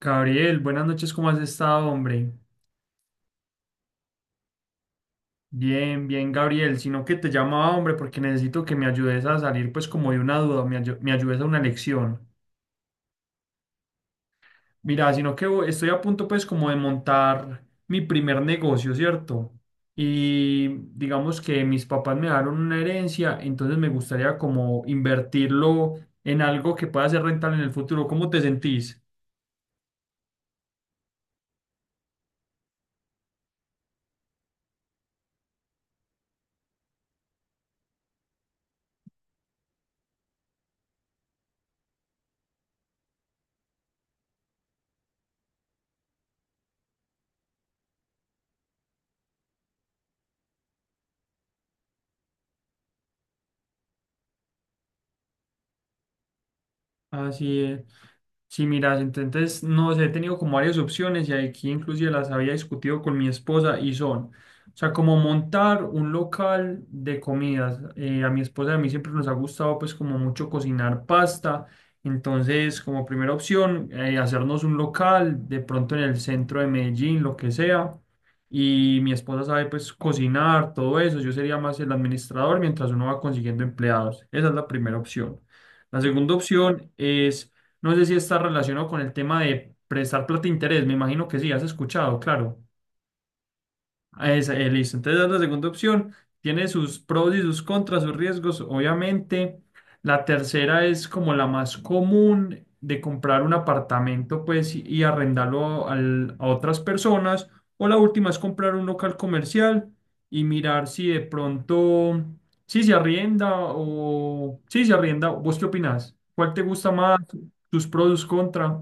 Gabriel, buenas noches, ¿cómo has estado, hombre? Bien, Gabriel, sino que te llamaba, hombre, porque necesito que me ayudes a salir pues como de una duda, me ayudes a una lección. Mira, sino que estoy a punto pues como de montar mi primer negocio, ¿cierto? Y digamos que mis papás me dieron una herencia, entonces me gustaría como invertirlo en algo que pueda ser rentable en el futuro. ¿Cómo te sentís? Así es. Sí, mira, entonces no sé, he tenido como varias opciones y aquí inclusive las había discutido con mi esposa y son, o sea, como montar un local de comidas. A mi esposa y a mí siempre nos ha gustado pues como mucho cocinar pasta, entonces como primera opción hacernos un local de pronto en el centro de Medellín, lo que sea y mi esposa sabe pues cocinar, todo eso, yo sería más el administrador mientras uno va consiguiendo empleados. Esa es la primera opción. La segunda opción es, no sé si está relacionado con el tema de prestar plata de interés, me imagino que sí, has escuchado, claro. Ah, esa, listo. Entonces, es la segunda opción. Tiene sus pros y sus contras, sus riesgos, obviamente. La tercera es como la más común de comprar un apartamento, pues, y a otras personas. O la última es comprar un local comercial y mirar si de pronto, si se arrienda o si se arrienda. ¿Vos qué opinás? ¿Cuál te gusta más? ¿Sus pros, sus contras?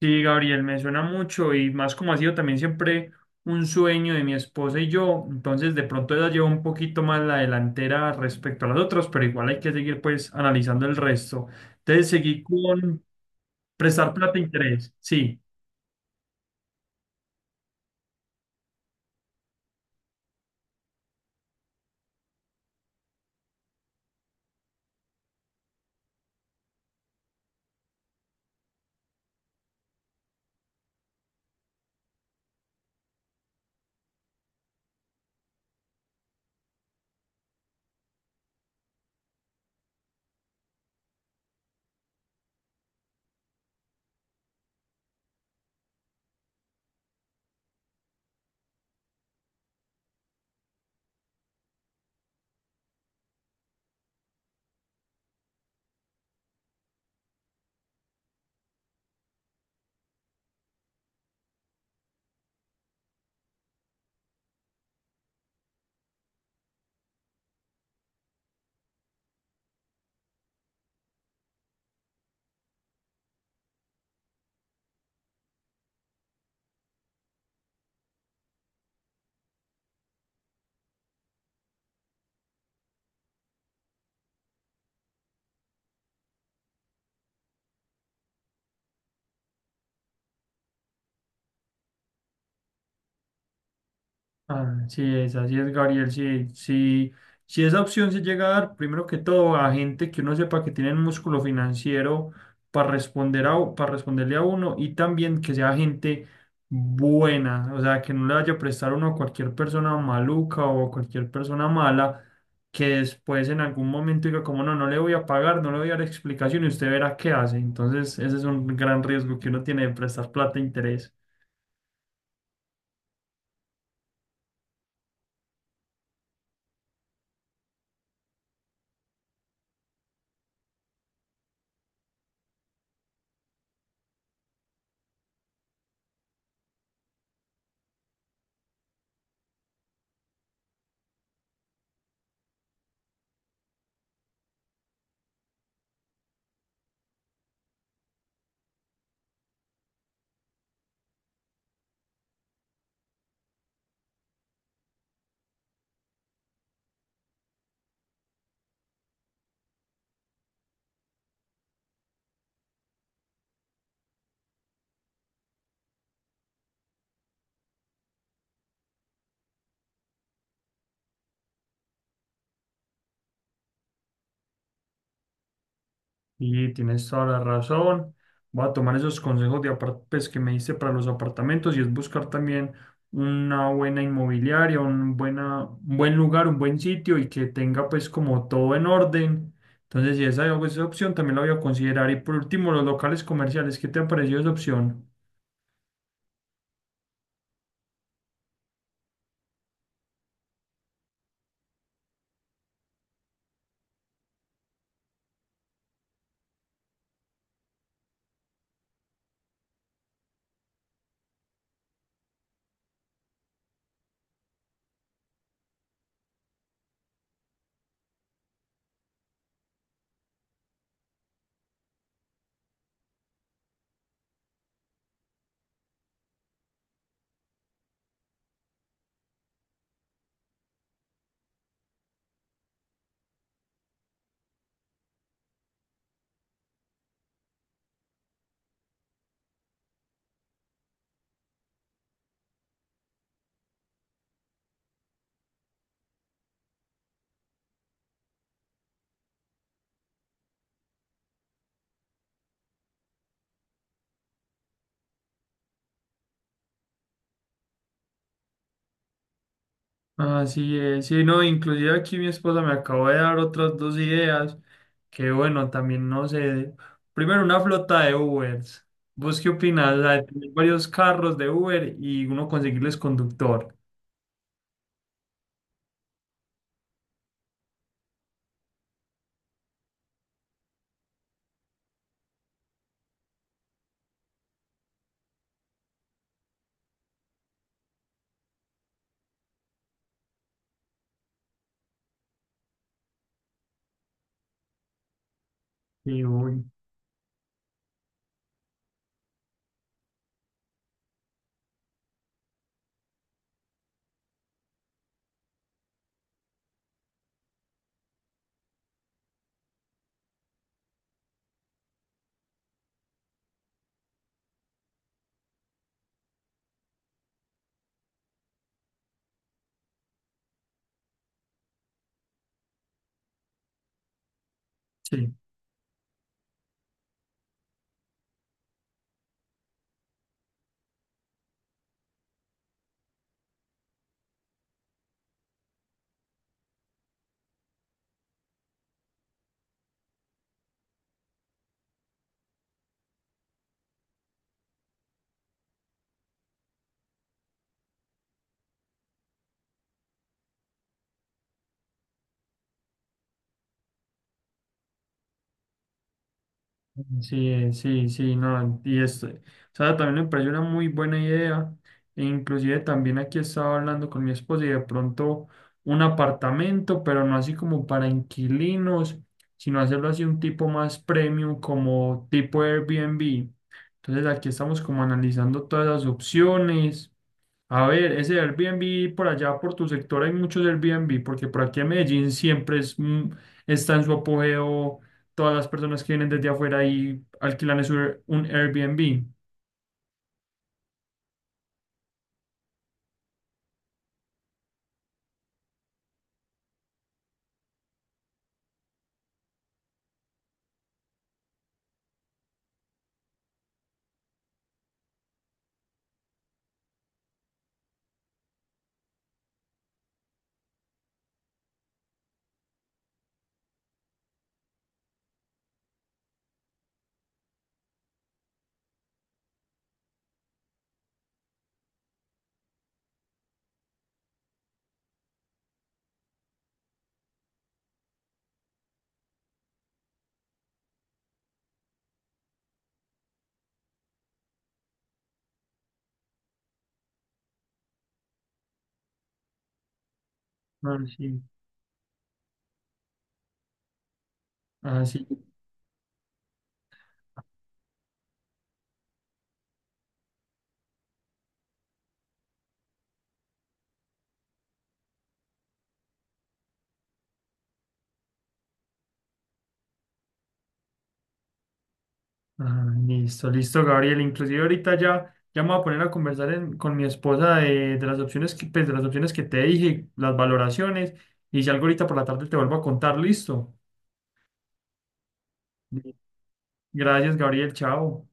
Sí, Gabriel, me suena mucho y más como ha sido también siempre un sueño de mi esposa y yo, entonces de pronto ella lleva un poquito más la delantera respecto a las otras, pero igual hay que seguir pues analizando el resto. Entonces seguí con prestar plata e interés, sí. Así es, Gabriel. Sí, sí, si esa opción se llega a dar, primero que todo, a gente que uno sepa que tienen músculo financiero para para responderle a uno y también que sea gente buena, o sea, que no le vaya a prestar uno a cualquier persona maluca o a cualquier persona mala que después en algún momento diga como no, no le voy a pagar, no le voy a dar explicación y usted verá qué hace. Entonces, ese es un gran riesgo que uno tiene de prestar plata a interés. Y tienes toda la razón. Voy a tomar esos consejos pues, que me diste para los apartamentos y es buscar también una buena inmobiliaria, un buen lugar, un buen sitio y que tenga pues como todo en orden. Entonces, si esa, esa opción también la voy a considerar. Y por último, los locales comerciales. ¿Qué te ha parecido esa opción? Así es, sí, no, inclusive aquí mi esposa me acabó de dar otras dos ideas, que bueno, también no sé, primero una flota de Ubers, ¿vos qué opinas? O sea, de tener varios carros de Uber y uno conseguirles conductor. Y uy, sí. Sí, sí, sí, no, y esto, o sea, también me pareció una muy buena idea, e inclusive también aquí estaba hablando con mi esposa y de pronto un apartamento, pero no así como para inquilinos, sino hacerlo así un tipo más premium como tipo Airbnb. Entonces aquí estamos como analizando todas las opciones. A ver, ese Airbnb por allá, por tu sector, hay muchos Airbnb, porque por aquí en Medellín siempre es, está en su apogeo. Todas las personas que vienen desde afuera y alquilan es un Airbnb. Ah, sí. Ah, sí. Ah, listo, listo, Gabriel. Inclusive ahorita ya, ya me voy a poner a conversar con mi esposa de las opciones que, pues, de las opciones que te dije, las valoraciones, y si algo ahorita por la tarde te vuelvo a contar, listo. Gracias, Gabriel, chao.